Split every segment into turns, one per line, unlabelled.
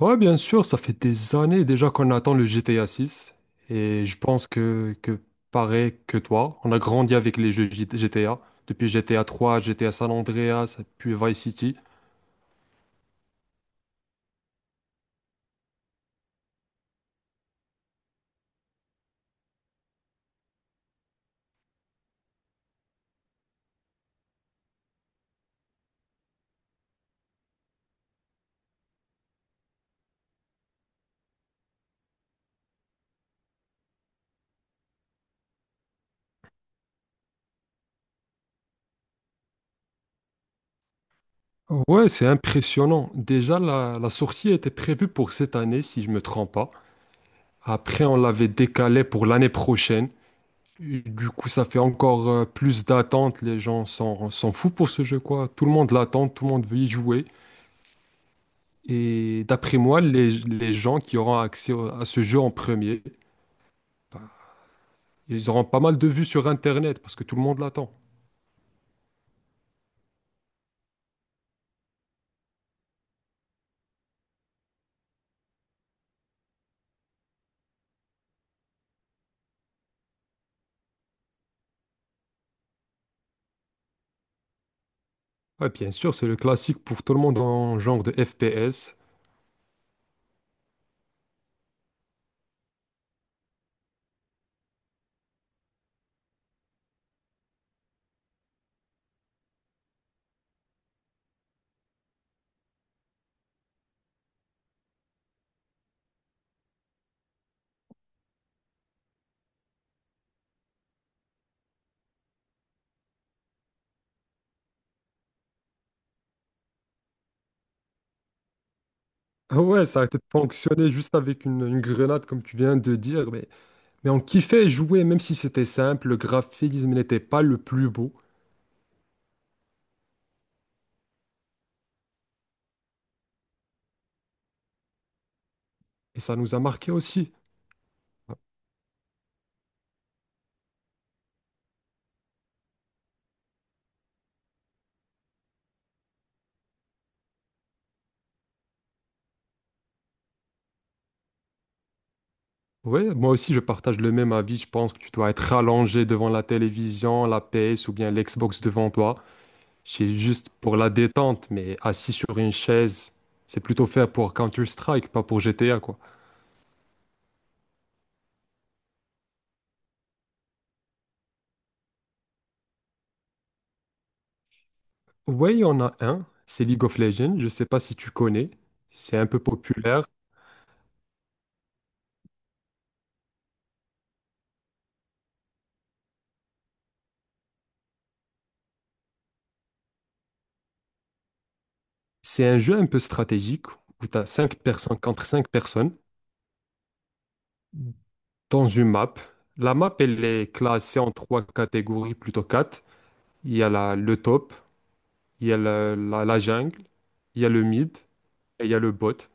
Ouais, bien sûr, ça fait des années déjà qu'on attend le GTA 6, et je pense que pareil que toi, on a grandi avec les jeux GTA, depuis GTA 3, GTA San Andreas, puis Vice City. Ouais, c'est impressionnant. Déjà, la sortie était prévue pour cette année, si je me trompe pas. Après, on l'avait décalée pour l'année prochaine. Et du coup, ça fait encore plus d'attente. Les gens s'en foutent pour ce jeu, quoi. Tout le monde l'attend, tout le monde veut y jouer. Et d'après moi, les gens qui auront accès à ce jeu en premier, ben, ils auront pas mal de vues sur Internet parce que tout le monde l'attend. Ouais, bien sûr, c'est le classique pour tout le monde en genre de FPS. Ah ouais, ça a peut-être fonctionné juste avec une grenade, comme tu viens de dire, mais on kiffait jouer, même si c'était simple, le graphisme n'était pas le plus beau, et ça nous a marqué aussi. Ouais, moi aussi, je partage le même avis, je pense que tu dois être rallongé devant la télévision, la PS ou bien l'Xbox devant toi. C'est juste pour la détente, mais assis sur une chaise, c'est plutôt fait pour Counter-Strike, pas pour GTA, quoi. Ouais, il y en a un, c'est League of Legends, je sais pas si tu connais, c'est un peu populaire. C'est un jeu un peu stratégique où tu as 5 personnes contre 5 personnes dans une map. La map, elle est classée en trois catégories, plutôt quatre. Il y a le top, il y a la jungle, il y a le mid et il y a le bot.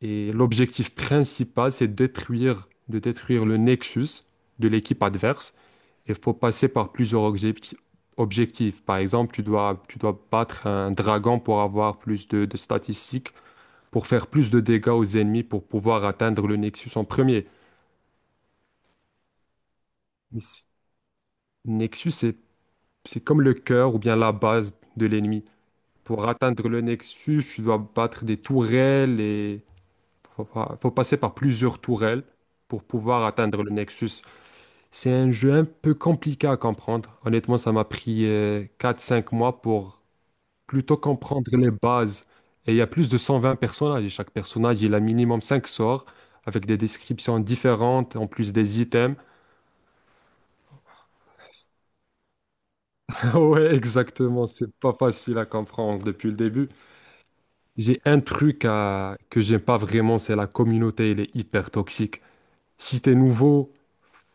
Et l'objectif principal, c'est détruire le nexus de l'équipe adverse. Il faut passer par plusieurs objectifs. Par exemple, tu dois battre un dragon pour avoir plus de statistiques, pour faire plus de dégâts aux ennemis, pour pouvoir atteindre le nexus en premier. Mais c- Nexus, c'est comme le cœur ou bien la base de l'ennemi. Pour atteindre le nexus, tu dois battre des tourelles et faut, faut passer par plusieurs tourelles pour pouvoir atteindre le nexus. C'est un jeu un peu compliqué à comprendre. Honnêtement, ça m'a pris 4-5 mois pour plutôt comprendre les bases. Et il y a plus de 120 personnages, et chaque personnage, il a minimum 5 sorts avec des descriptions différentes, en plus des items. Ouais, exactement, c'est pas facile à comprendre depuis le début. J'ai un truc à... que j'aime pas vraiment, c'est la communauté, elle est hyper toxique. Si t'es nouveau,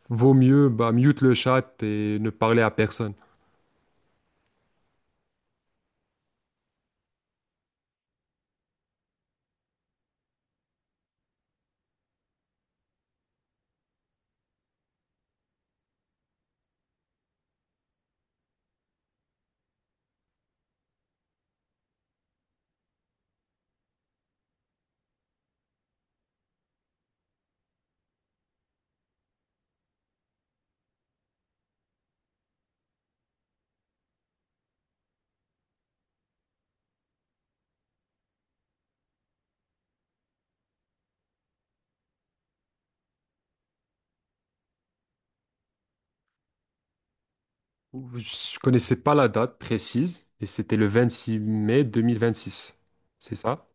vaut mieux bah, mute le chat et ne parler à personne. Je connaissais pas la date précise et c'était le 26 mai 2026. C'est ça?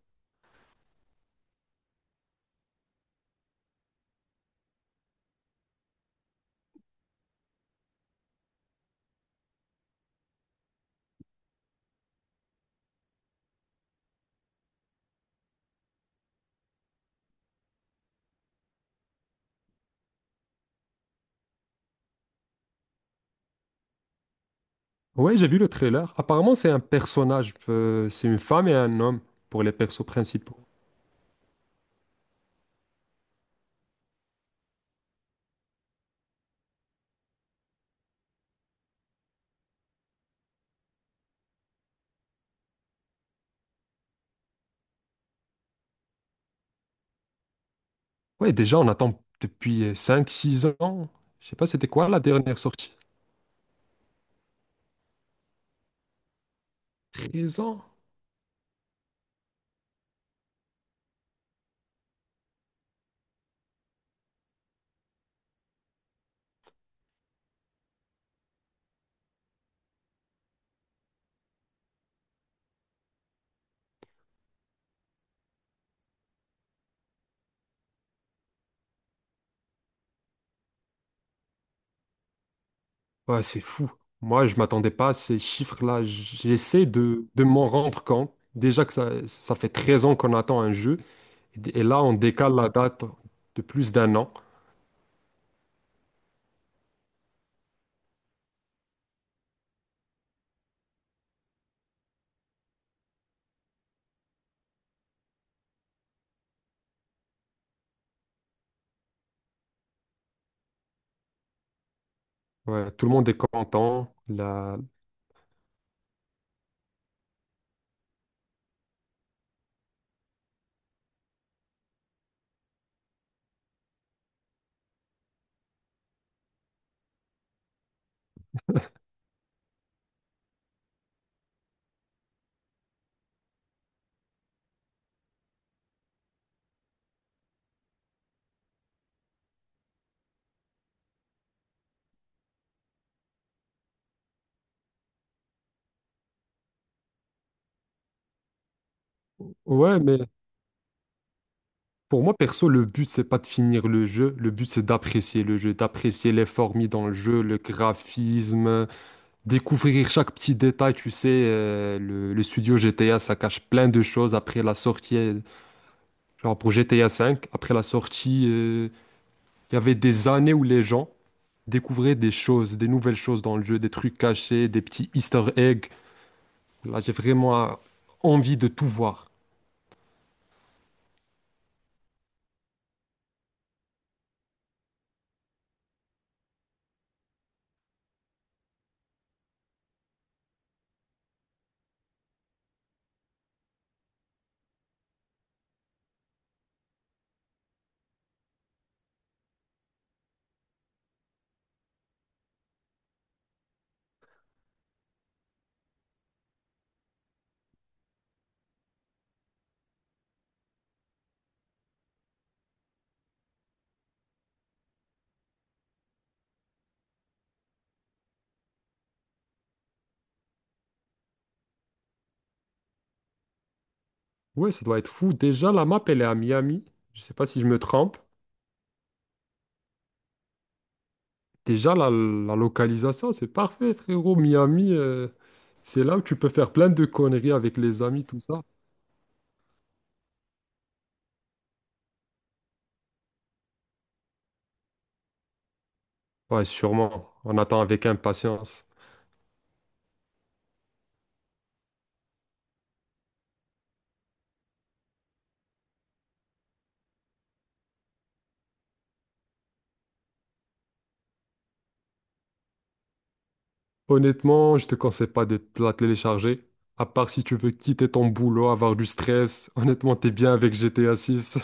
Ouais, j'ai vu le trailer. Apparemment, c'est un personnage. Euh, c'est une femme et un homme pour les persos principaux. Ouais, déjà, on attend depuis cinq, six ans. Je sais pas, c'était quoi la dernière sortie? 13 ans? Ouais, c'est fou. Moi, je m'attendais pas à ces chiffres-là. J'essaie de m'en rendre compte. Déjà que ça fait 13 ans qu'on attend un jeu. Et là, on décale la date de plus d'un an. Ouais, tout le monde est content. La... Ouais, mais pour moi, perso, le but, c'est pas de finir le jeu. Le but, c'est d'apprécier le jeu, d'apprécier l'effort mis dans le jeu, le graphisme, découvrir chaque petit détail. Tu sais, le studio GTA, ça cache plein de choses après la sortie. Euh, genre pour GTA V, après la sortie, il y avait des années où les gens découvraient des choses, des nouvelles choses dans le jeu, des trucs cachés, des petits easter eggs. Là, j'ai vraiment envie de tout voir. Ouais, ça doit être fou. Déjà, la map, elle est à Miami. Je sais pas si je me trompe. Déjà, la localisation, c'est parfait, frérot. Miami, c'est là où tu peux faire plein de conneries avec les amis, tout ça. Ouais, sûrement. On attend avec impatience. Honnêtement, je te conseille pas de te la télécharger. À part si tu veux quitter ton boulot, avoir du stress. Honnêtement, t'es bien avec GTA 6.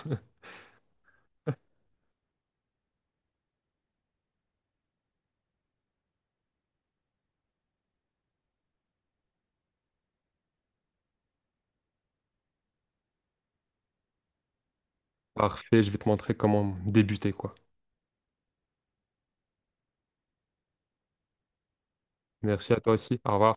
Parfait, je vais te montrer comment débuter, quoi. Merci à toi aussi. Au revoir.